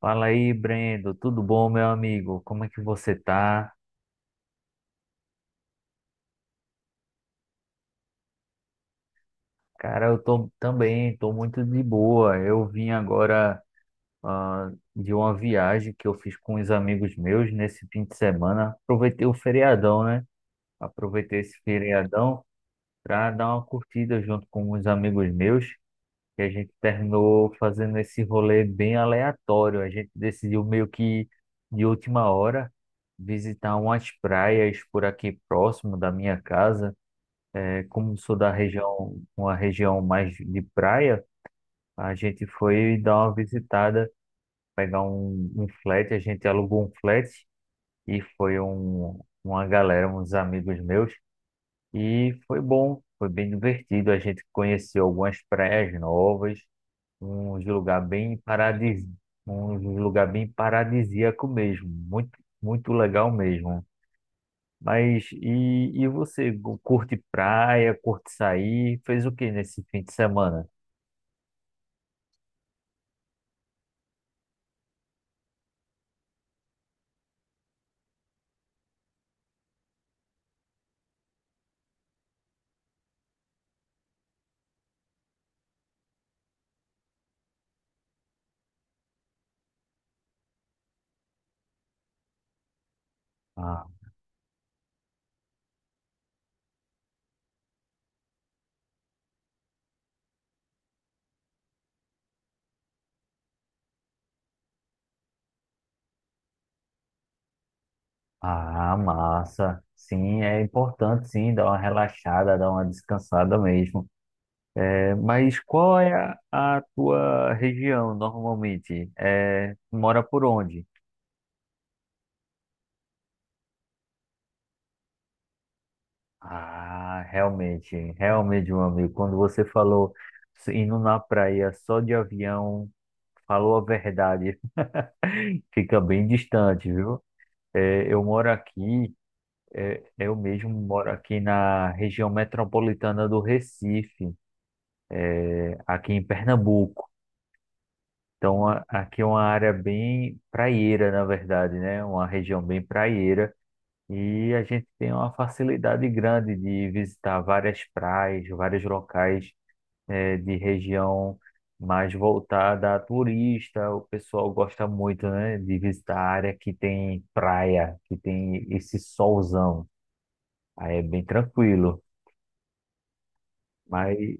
Fala aí, Brendo. Tudo bom, meu amigo? Como é que você tá? Cara, eu tô também, tô muito de boa. Eu vim agora de uma viagem que eu fiz com uns amigos meus nesse fim de semana. Aproveitei o feriadão, né? Aproveitei esse feriadão para dar uma curtida junto com uns amigos meus. E a gente terminou fazendo esse rolê bem aleatório. A gente decidiu meio que de última hora visitar umas praias por aqui próximo da minha casa. É, como sou da região, uma região mais de praia, a gente foi dar uma visitada, pegar um flat, a gente alugou um flat e foi uma galera, uns amigos meus, e foi bom, foi bem divertido. A gente conheceu algumas praias novas, uns lugar bem paradis, um lugar bem paradisíaco mesmo, muito, muito legal mesmo. Mas e você curte praia, curte sair? Fez o que nesse fim de semana? Ah, ah, massa. Sim, é importante sim dar uma relaxada, dar uma descansada mesmo. É, mas qual é a tua região normalmente? É, tu mora por onde? Ah, realmente, realmente, meu amigo, quando você falou indo na praia só de avião, falou a verdade, fica bem distante, viu? É, eu moro aqui. É, eu mesmo moro aqui na região metropolitana do Recife, aqui em Pernambuco. Então, aqui é uma área bem praieira, na verdade, né? Uma região bem praieira. E a gente tem uma facilidade grande de visitar várias praias, vários locais, de região mais voltada a turista. O pessoal gosta muito, né, de visitar a área que tem praia, que tem esse solzão. Aí é bem tranquilo. Mas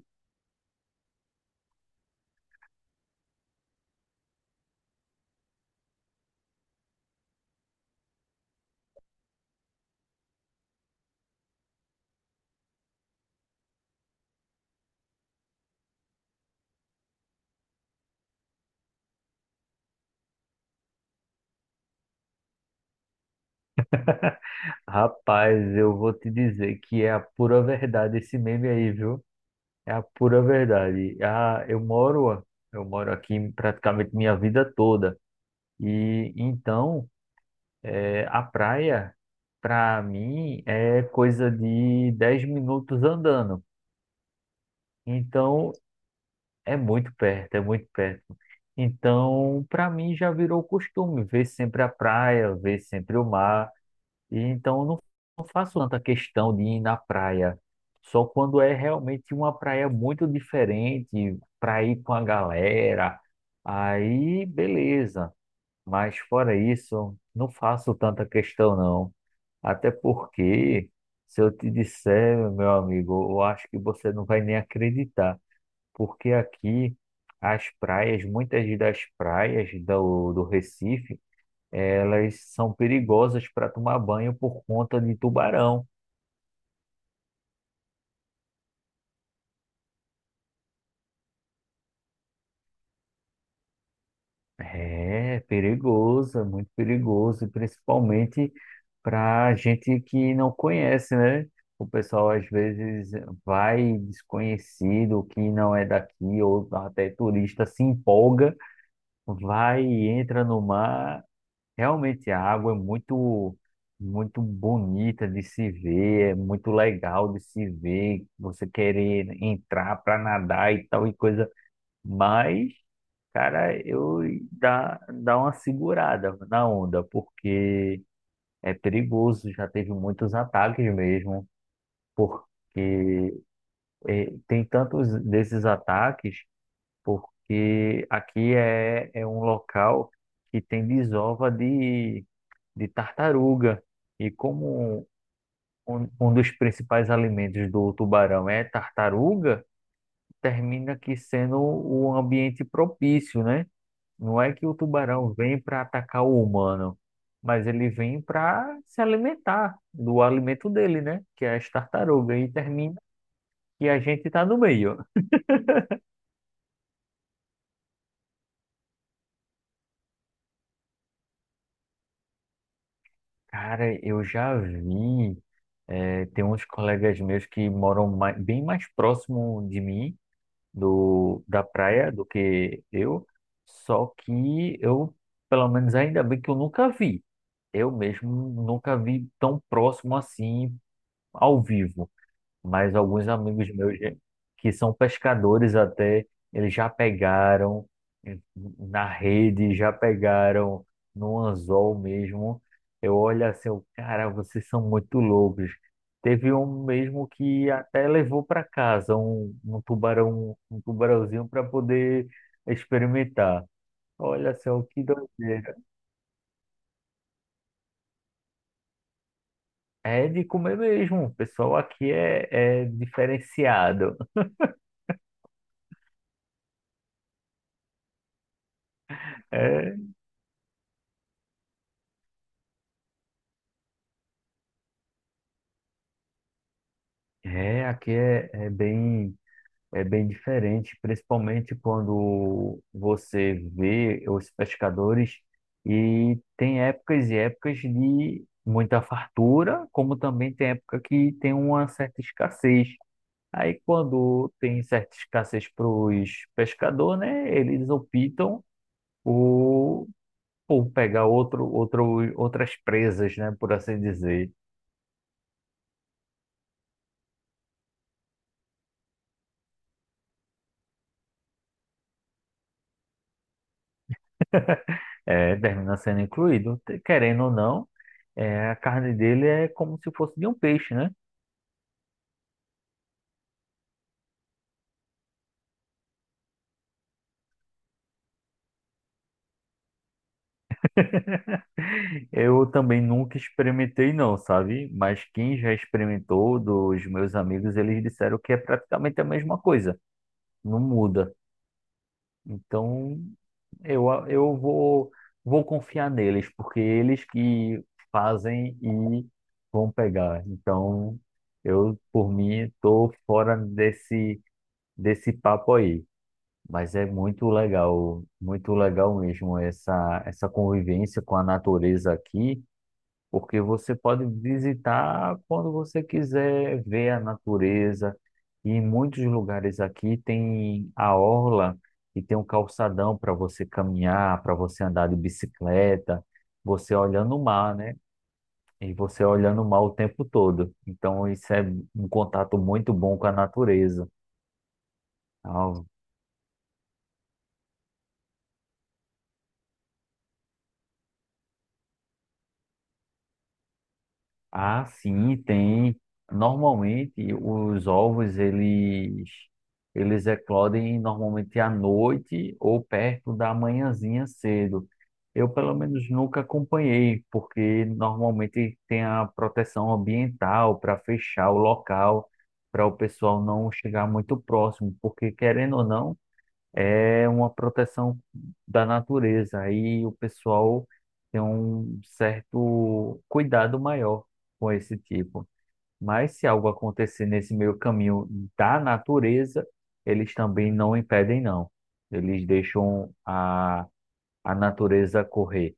rapaz, eu vou te dizer que é a pura verdade esse meme aí, viu? É a pura verdade. Ah, eu moro aqui praticamente minha vida toda. E então, a praia, para mim, é coisa de 10 minutos andando. Então, é muito perto, é muito perto. Então, para mim já virou costume ver sempre a praia, ver sempre o mar. E então eu não faço tanta questão de ir na praia, só quando é realmente uma praia muito diferente para ir com a galera. Aí, beleza. Mas fora isso, não faço tanta questão não. Até porque, se eu te disser, meu amigo, eu acho que você não vai nem acreditar, porque aqui as praias, muitas das praias do Recife elas são perigosas para tomar banho por conta de tubarão. É perigoso, é muito perigoso, e principalmente para gente que não conhece, né? O pessoal às vezes vai desconhecido, que não é daqui, ou até turista se empolga, vai e entra no mar. Realmente a água é muito muito bonita de se ver, é muito legal de se ver, você querer entrar para nadar e tal e coisa, mas cara, eu dá uma segurada na onda, porque é perigoso, já teve muitos ataques mesmo, porque tem tantos desses ataques, porque aqui é um local que tem desova de tartaruga. E como um dos principais alimentos do tubarão é tartaruga, termina aqui sendo o ambiente propício, né? Não é que o tubarão vem para atacar o humano, mas ele vem para se alimentar do alimento dele, né? Que é as tartarugas. E termina que a gente está no meio. Cara, eu já vi. Eh, tem uns colegas meus que moram bem mais próximo de mim da praia do que eu, só que eu, pelo menos ainda bem que eu nunca vi. Eu mesmo nunca vi tão próximo assim ao vivo mas alguns amigos meus que são pescadores até, eles já pegaram eh, na rede, já pegaram no anzol mesmo. Eu olho assim, eu, cara, vocês são muito loucos. Teve um mesmo que até levou para casa um tubarão, um tubarãozinho para poder experimentar. Olha só que doideira. É de comer mesmo. O pessoal aqui é, é diferenciado. É, é, aqui é bem. É bem diferente, principalmente quando você vê os pescadores e tem épocas e épocas de muita fartura, como também tem época que tem uma certa escassez. Aí quando tem certa escassez para os pescadores, né, eles optam por, por pegar outras presas, né, por assim dizer. É, termina sendo incluído, querendo ou não, é, a carne dele é como se fosse de um peixe, né? Eu também nunca experimentei não, sabe? Mas quem já experimentou dos meus amigos, eles disseram que é praticamente a mesma coisa, não muda. Então, eu vou confiar neles, porque eles que fazem e vão pegar. Então, eu, por mim, tô fora desse papo aí. Mas é muito legal mesmo essa convivência com a natureza aqui porque você pode visitar quando você quiser ver a natureza. E em muitos lugares aqui tem a orla e tem um calçadão para você caminhar, para você andar de bicicleta, você olhando o mar, né? E você olhando o mar o tempo todo. Então isso é um contato muito bom com a natureza. Então, ah, sim, tem. Normalmente os ovos eles eclodem normalmente à noite ou perto da manhãzinha cedo. Eu pelo menos nunca acompanhei, porque normalmente tem a proteção ambiental para fechar o local, para o pessoal não chegar muito próximo, porque querendo ou não é uma proteção da natureza. Aí o pessoal tem um certo cuidado maior com esse tipo. Mas se algo acontecer nesse meio caminho da natureza, eles também não impedem, não. Eles deixam a natureza correr.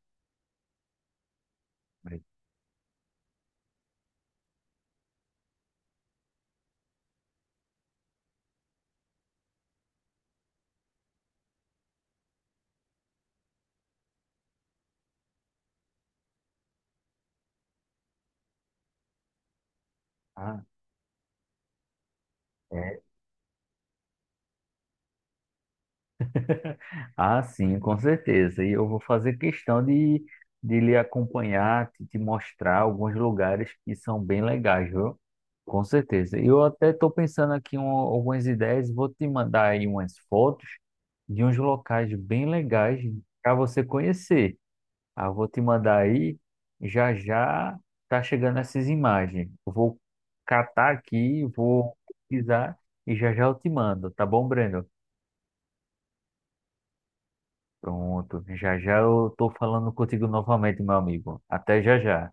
Ah, é. Ah, sim, com certeza. E eu vou fazer questão de lhe acompanhar, te mostrar alguns lugares que são bem legais, viu? Com certeza. E eu até estou pensando aqui em algumas ideias, vou te mandar aí umas fotos de uns locais bem legais para você conhecer. Ah, vou te mandar aí, já já tá chegando essas imagens. Eu vou catar aqui, vou pesquisar e já já eu te mando, tá bom, Breno? Pronto, já já eu tô falando contigo novamente, meu amigo. Até já já.